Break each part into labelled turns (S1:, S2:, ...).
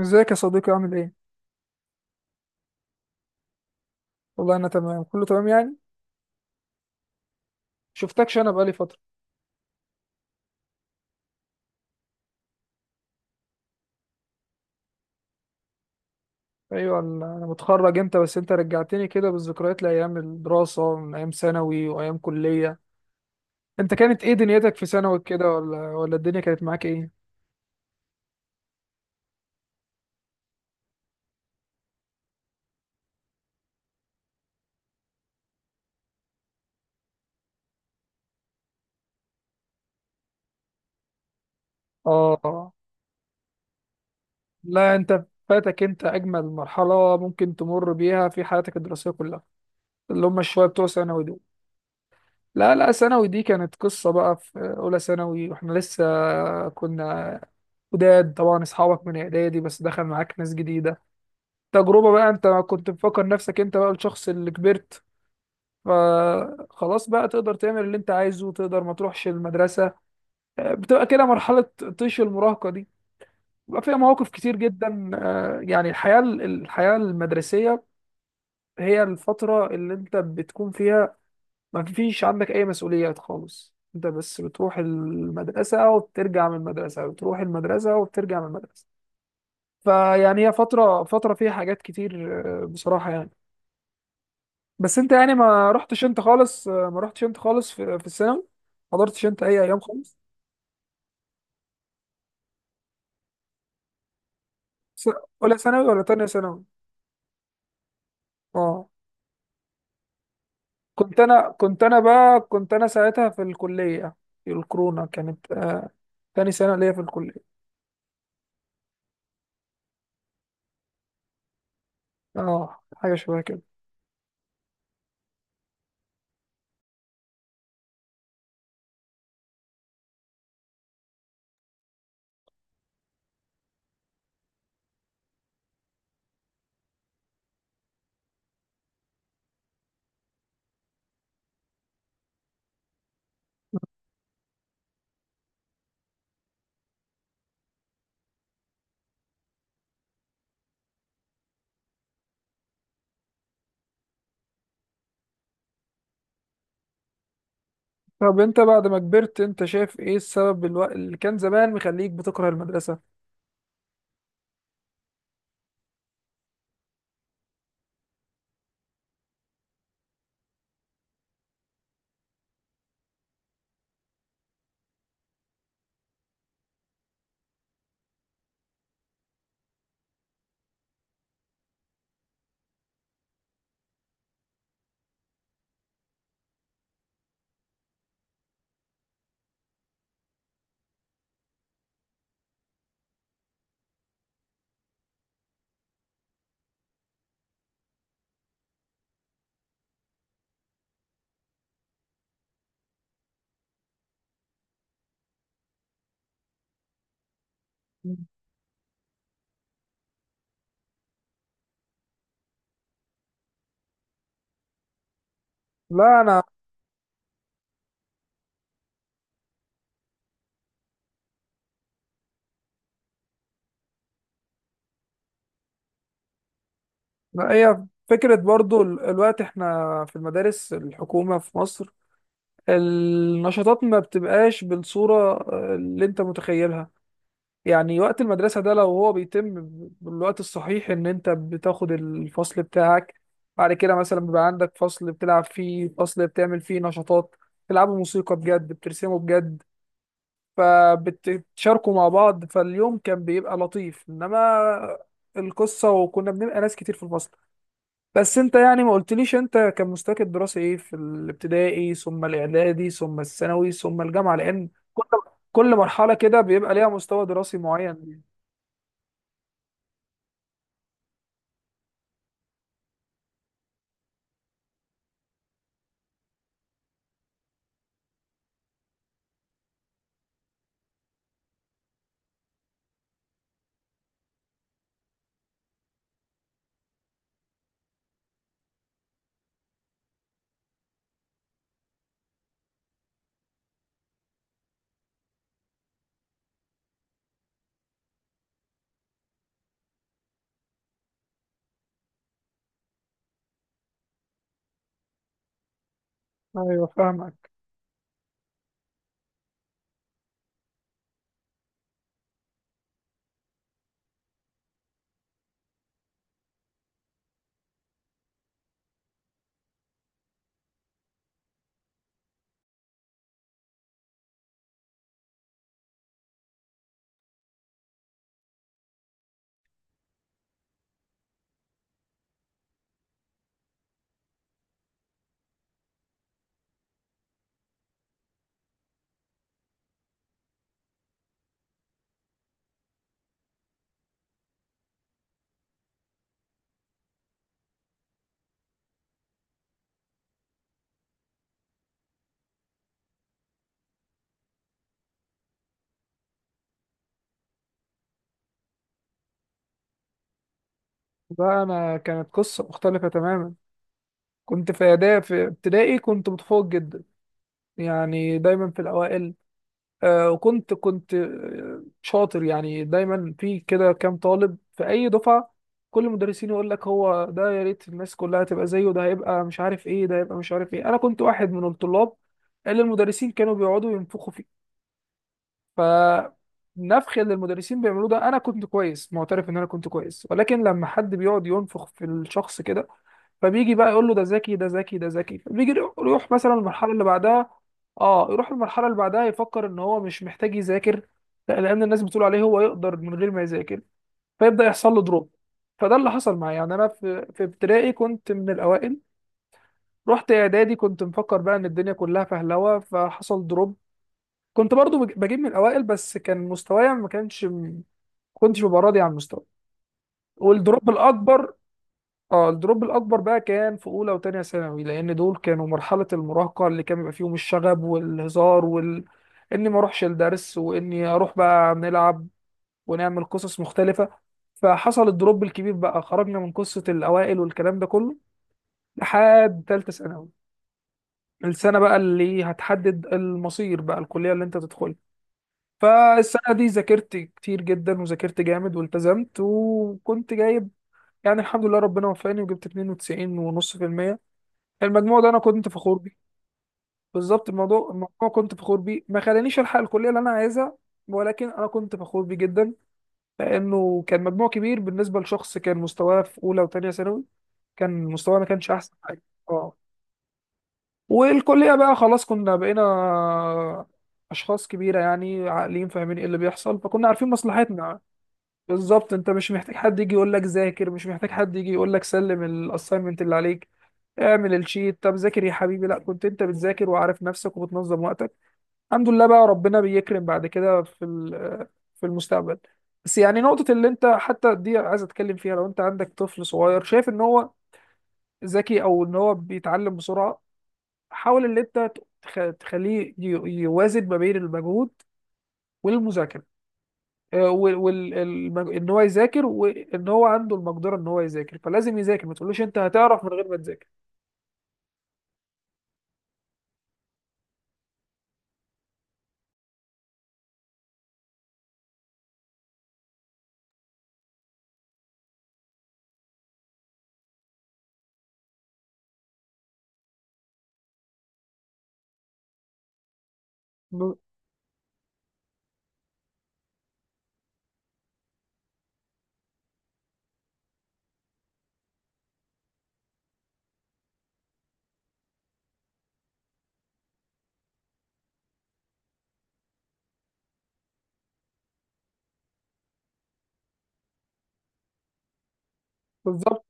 S1: ازيك يا صديقي، عامل ايه؟ والله انا تمام، كله تمام يعني. شفتكش انا بقالي فترة. ايوه، انا متخرج امتى، بس انت رجعتني كده بالذكريات لايام الدراسة، من ايام ثانوي وايام كلية. انت كانت ايه دنيتك في ثانوي كده، ولا الدنيا كانت معاك ايه؟ اه. لا، انت فاتك، انت اجمل مرحلة ممكن تمر بيها في حياتك الدراسية كلها، اللي هم الشوية بتوع ثانوي دول. لا لا، ثانوي دي كانت قصة بقى. في اولى ثانوي واحنا لسه كنا جداد، طبعا اصحابك من اعدادي بس دخل معاك ناس جديدة. تجربة بقى، انت كنت مفكر نفسك انت بقى الشخص اللي كبرت، فخلاص بقى تقدر تعمل اللي انت عايزه، تقدر ما تروحش المدرسة. بتبقى كده مرحلة طيش المراهقة دي، بيبقى فيها مواقف كتير جدا، يعني الحياة المدرسية. هي الفترة اللي انت بتكون فيها ما فيش عندك اي مسؤوليات خالص، انت بس بتروح المدرسة وبترجع من المدرسة، بتروح المدرسة وبترجع من المدرسة. فيعني هي فترة فيها حاجات كتير، بصراحة يعني. بس انت يعني ما رحتش انت خالص، ما رحتش انت خالص في الثانوي. ما حضرتش انت اي ايام خالص؟ س- اولى ثانوي ولا تانية ثانوي؟ اه. كنت انا ساعتها في الكلية، الكورونا كانت، تاني سنة ليا في الكلية. اه، حاجة شبه كده. طب انت بعد ما كبرت، انت شايف ايه السبب اللي كان زمان مخليك بتكره المدرسة؟ مم. لا انا لا، هي فكرة برضو الوقت. احنا في المدارس الحكومة في مصر، النشاطات ما بتبقاش بالصورة، اللي انت متخيلها. يعني وقت المدرسة ده لو هو بيتم بالوقت الصحيح، ان انت بتاخد الفصل بتاعك، بعد كده مثلا بيبقى عندك فصل بتلعب فيه، فصل بتعمل فيه نشاطات، بتلعبوا موسيقى بجد، بترسموا بجد، فبتشاركوا مع بعض، فاليوم كان بيبقى لطيف. انما القصة وكنا بنبقى ناس كتير في الفصل. بس انت يعني ما قلتليش انت كان مستواك الدراسي ايه في الابتدائي، ثم الاعدادي، ثم الثانوي، ثم الجامعه، لان كل مرحله كده بيبقى ليها مستوى دراسي معين. ايوه فاهمك. ده انا كانت قصه مختلفه تماما. كنت في اعدادي، في ابتدائي كنت متفوق جدا، يعني دايما في الاوائل، وكنت كنت شاطر يعني، دايما في كده كام طالب في اي دفعه. كل المدرسين يقول لك هو ده، يا ريت الناس كلها تبقى زيه، ده هيبقى مش عارف ايه، ده هيبقى مش عارف ايه. انا كنت واحد من الطلاب اللي المدرسين كانوا بيقعدوا ينفخوا فيه. فالنفخ اللي المدرسين بيعملوه ده، انا كنت كويس، معترف ان انا كنت كويس، ولكن لما حد بيقعد ينفخ في الشخص كده، فبيجي بقى يقول له ده ذكي، ده ذكي، ده ذكي، فبيجي يروح مثلا المرحله اللي بعدها. اه، يروح المرحله اللي بعدها يفكر ان هو مش محتاج يذاكر، لا، لان الناس بتقول عليه هو يقدر من غير ما يذاكر، فيبدا يحصل له دروب. فده اللي حصل معايا. يعني انا في ابتدائي كنت من الاوائل، رحت اعدادي كنت مفكر بقى ان الدنيا كلها فهلوه، فحصل دروب. كنت برضو بجيب من الاوائل، بس كان مستوايا ما كانش، كنتش ببقى راضي عن مستواي. والدروب الاكبر، اه، الدروب الاكبر بقى كان في اولى وتانية ثانوي، لان دول كانوا مرحله المراهقه اللي كان بيبقى فيهم الشغب والهزار اني ما اروحش الدرس واني اروح بقى نلعب ونعمل قصص مختلفه. فحصل الدروب الكبير بقى، خرجنا من قصه الاوائل والكلام ده كله، لحد تالتة ثانوي. السنه بقى اللي هتحدد المصير بقى، الكليه اللي انت تدخلها. فالسنة دي ذاكرت كتير جدا، وذاكرت جامد، والتزمت، وكنت جايب، يعني الحمد لله ربنا وفقني وجبت 92 ونص في المية. المجموع ده أنا كنت فخور بيه. بالظبط، الموضوع كنت فخور بيه. ما خلانيش ألحق الكلية اللي أنا عايزها، ولكن أنا كنت فخور بيه جدا، لأنه كان مجموع كبير بالنسبة لشخص كان مستواه في أولى وتانية ثانوي، كان مستواه ما كانش أحسن حاجة. أه. والكلية بقى خلاص كنا بقينا أشخاص كبيرة، يعني عاقلين فاهمين إيه اللي بيحصل، فكنا عارفين مصلحتنا. بالظبط، انت مش محتاج حد يجي يقول لك ذاكر، مش محتاج حد يجي يقول لك سلم الاساينمنت اللي عليك، اعمل الشيت، طب ذاكر يا حبيبي. لا، كنت انت بتذاكر وعارف نفسك وبتنظم وقتك. الحمد لله بقى، ربنا بيكرم بعد كده في المستقبل. بس يعني نقطة اللي انت حتى دي عايز اتكلم فيها. لو انت عندك طفل صغير شايف ان هو ذكي او ان هو بيتعلم بسرعة، حاول ان انت تخليه يوازن ما بين المجهود والمذاكرة، وان هو يذاكر، وان هو عنده المقدره ان هو يذاكر، فلازم يذاكر. ما تقولوش انت هتعرف من غير ما تذاكر. ب- بالظبط.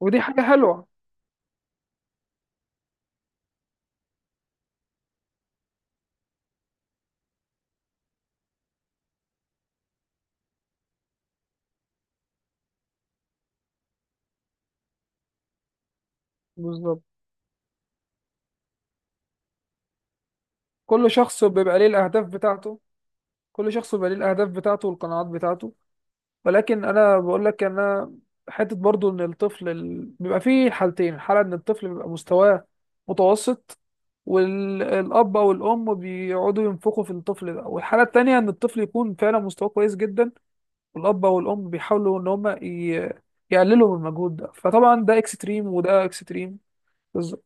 S1: ودي حاجه حلوه. بالظبط، كل شخص بيبقى ليه الاهداف بتاعته. كل شخص بيبقى ليه الاهداف بتاعته والقناعات بتاعته. ولكن انا بقول لك انا، حته برضو ان الطفل بيبقى فيه حالتين، الحاله ان الطفل بيبقى مستواه متوسط، والاب او الام بيقعدوا ينفخوا في الطفل ده، والحاله التانيه ان الطفل يكون فعلا مستواه كويس جدا، الاب والام بيحاولوا ان هم يقللوا من المجهود ده. فطبعا ده اكستريم، وده اكستريم. بالظبط.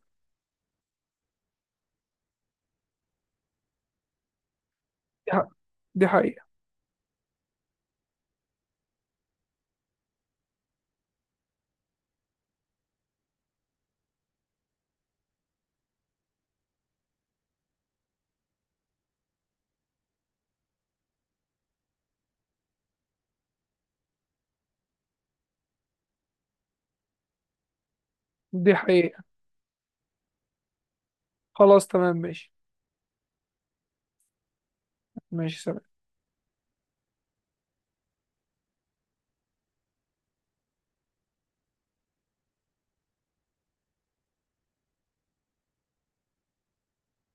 S1: دي حق- دي حقيقة. دي حقيقة. خلاص تمام ماشي. ماشي سلام.